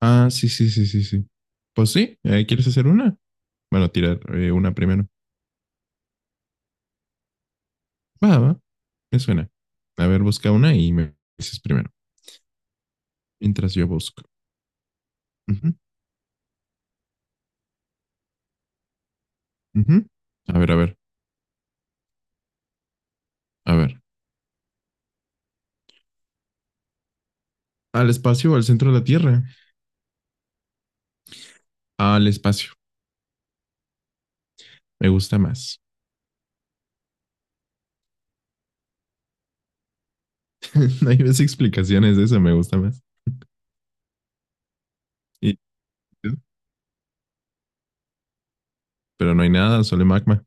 Ah, sí, sí, sí, sí, sí. Pues sí, ¿quieres hacer una? Bueno, tirar una primero. Va, va, me suena. A ver, busca una y me dices primero, mientras yo busco. Ujú, ujú. A ver, a ver, a ver. ¿Al espacio o al centro de la Tierra? Al espacio, me gusta más. No hay más explicaciones de eso, me gusta más. Y- pero no hay nada, solo hay magma.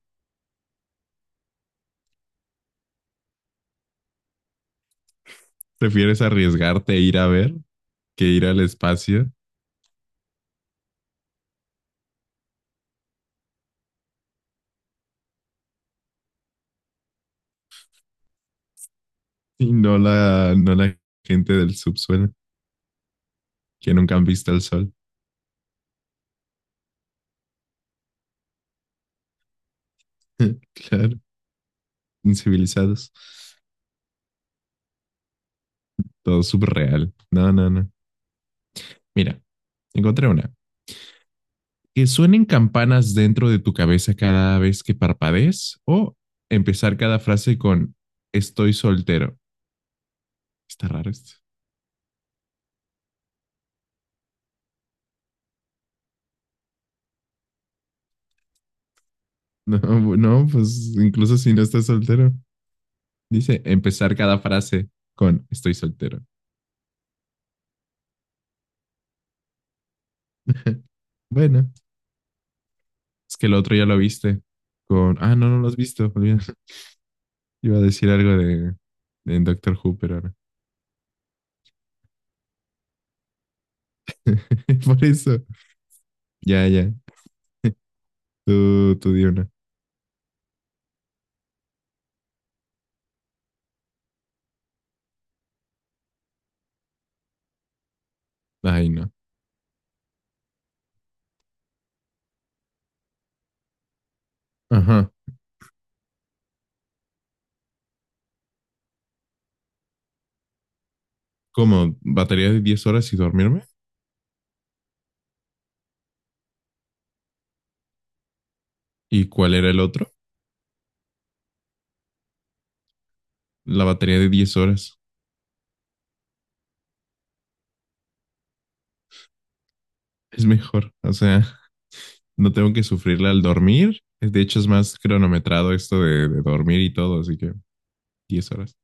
¿Prefieres arriesgarte a ir a ver que ir al espacio y no la gente del subsuelo que nunca han visto el sol? Claro, incivilizados. Todo subreal. No, no, no. Mira, encontré una. Que suenen campanas dentro de tu cabeza cada vez que parpadees o empezar cada frase con estoy soltero. Está raro esto. No, no, pues incluso si no estás soltero. Dice empezar cada frase con estoy soltero. Bueno, es que el otro ya lo viste. Con, ah, no, no lo has visto. Olvida. Iba a decir algo de Doctor Who, pero ahora. Por eso. Ya, ya. Tú di una. Ay, no. Ajá. ¿Cómo? ¿Batería de 10 horas y dormirme? ¿Y cuál era el otro? La batería de diez horas. Es mejor. O sea, no tengo que sufrirla al dormir. De hecho, es más cronometrado esto de dormir y todo, así que 10 horas.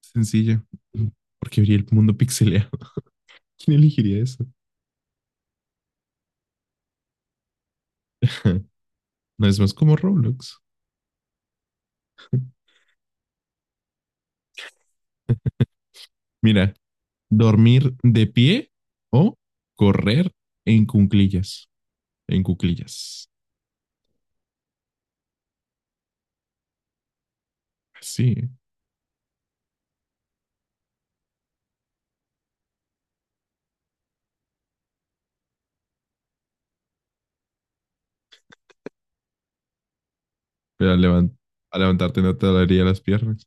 Sencillo. Porque vería el mundo pixeleado. ¿Quién elegiría eso? No es más como Roblox. Mira, dormir de pie o correr en cuclillas. En cuclillas. Así. Pero al levantarte no te dolería las piernas.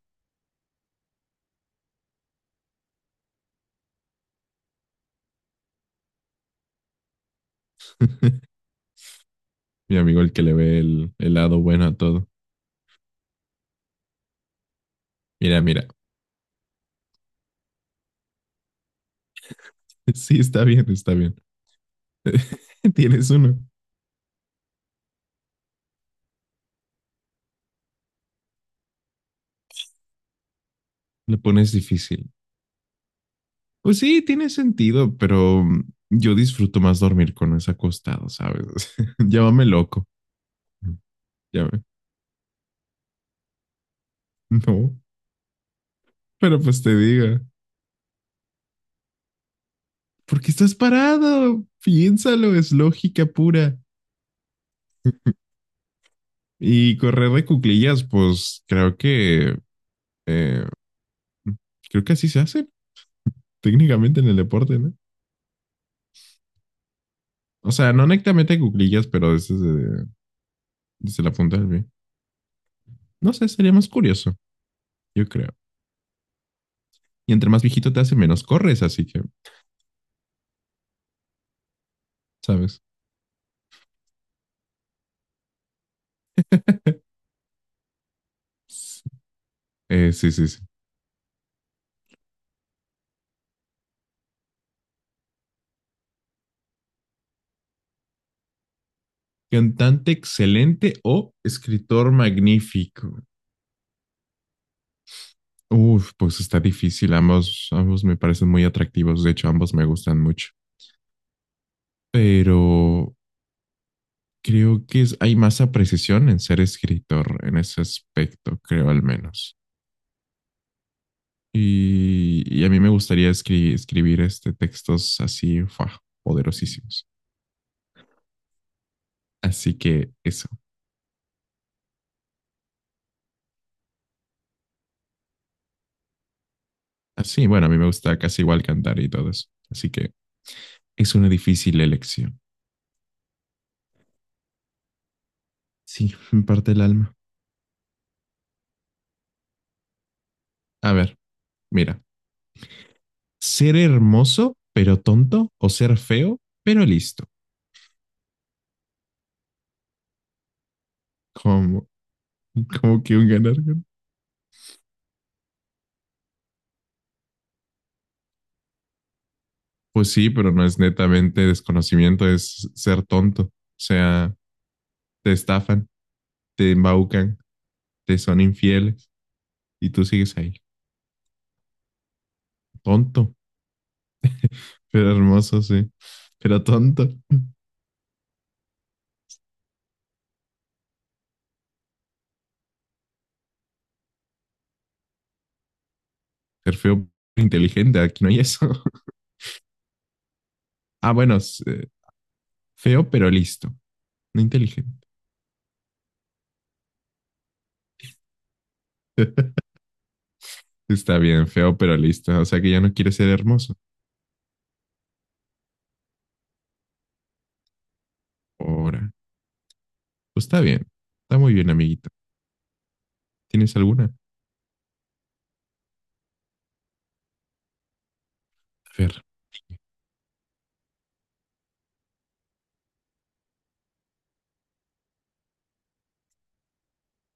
Mi amigo, el que le ve el lado bueno a todo. Mira, mira. Sí, está bien, está bien. Tienes uno. Lo pones difícil. Pues sí, tiene sentido, pero yo disfruto más dormir con eso acostado, ¿sabes? Llámame loco. Llámame. No, pero pues te diga. ¿Por qué estás parado? Piénsalo, es lógica pura. Y correr de cuclillas, pues eh, creo que así se hace. Técnicamente en el deporte, ¿no? O sea, no netamente cuclillas, pero desde la punta del pie. No sé, sería más curioso, yo creo. Y entre más viejito te hace, menos corres, así que, ¿sabes? Sí, sí, sí. Cantante excelente o escritor magnífico. Uf, pues está difícil. Ambos, ambos me parecen muy atractivos. De hecho, ambos me gustan mucho. Pero creo que hay más apreciación en ser escritor en ese aspecto, creo al menos. Y a mí me gustaría escribir este, textos así, poderosísimos. Así que eso. Así, bueno, a mí me gusta casi igual cantar y todo eso. Así que es una difícil elección. Sí, me parte el alma. A ver, mira. ¿Ser hermoso, pero tonto? ¿O ser feo, pero listo? ¿Cómo, cómo que un ganar? Pues sí, pero no es netamente desconocimiento, es ser tonto. O sea, te estafan, te embaucan, te son infieles y tú sigues ahí. Tonto. Era hermoso, sí. Era tonto. Ser feo, pero inteligente. Aquí no hay eso. Ah, bueno, feo, pero listo. No inteligente. Está bien, feo, pero listo. O sea que ya no quiere ser hermoso. Ahora. Pues está bien. Está muy bien, amiguito. ¿Tienes alguna? A ver.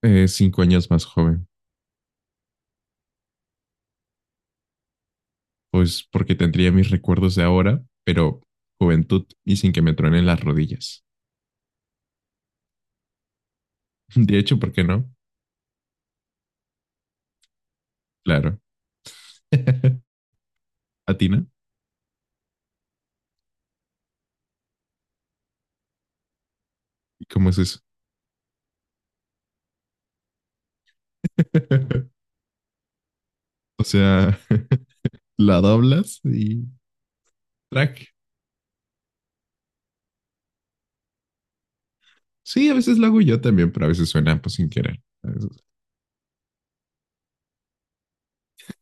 5 años más joven. Pues porque tendría mis recuerdos de ahora, pero juventud y sin que me truenen las rodillas. De hecho, ¿por qué no? Claro. ¿A ti no? ¿Y cómo es eso? O sea, la doblas y track. Sí, a veces lo hago yo también, pero a veces suena pues sin querer. A veces.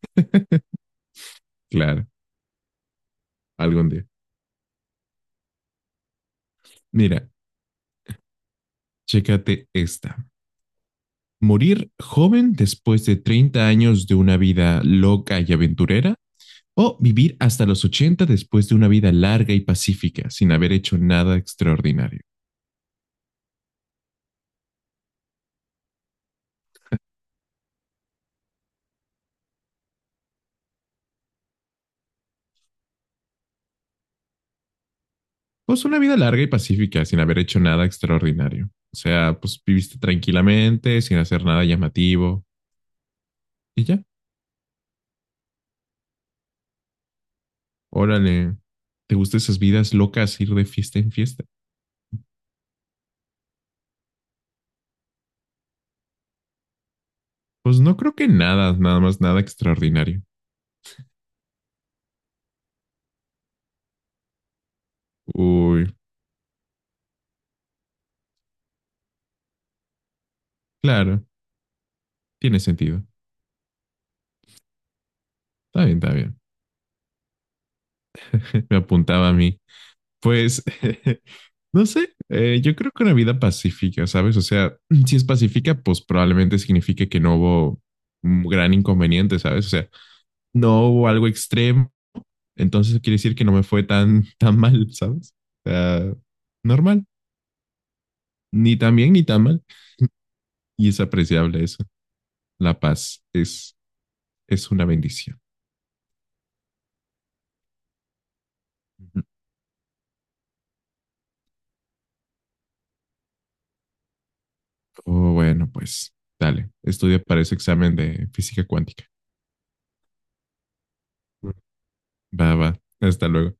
Claro, algún día. Mira, chécate esta. ¿Morir joven después de 30 años de una vida loca y aventurera? ¿O vivir hasta los 80 después de una vida larga y pacífica sin haber hecho nada extraordinario? Pues una vida larga y pacífica sin haber hecho nada extraordinario. O sea, pues viviste tranquilamente, sin hacer nada llamativo y ya. Órale, ¿te gustan esas vidas locas ir de fiesta en fiesta? Pues no creo que nada, nada más nada extraordinario. Uy, claro, tiene sentido. Está bien, está bien. Me apuntaba a mí. Pues, no sé, yo creo que una vida pacífica, ¿sabes? O sea, si es pacífica, pues probablemente signifique que no hubo un gran inconveniente, ¿sabes? O sea, no hubo algo extremo, entonces quiere decir que no me fue tan, tan mal, ¿sabes? O sea, normal, ni tan bien ni tan mal, y es apreciable eso. La paz es una bendición. Oh, bueno, pues dale, estudia para ese examen de física cuántica. Va, va, hasta luego.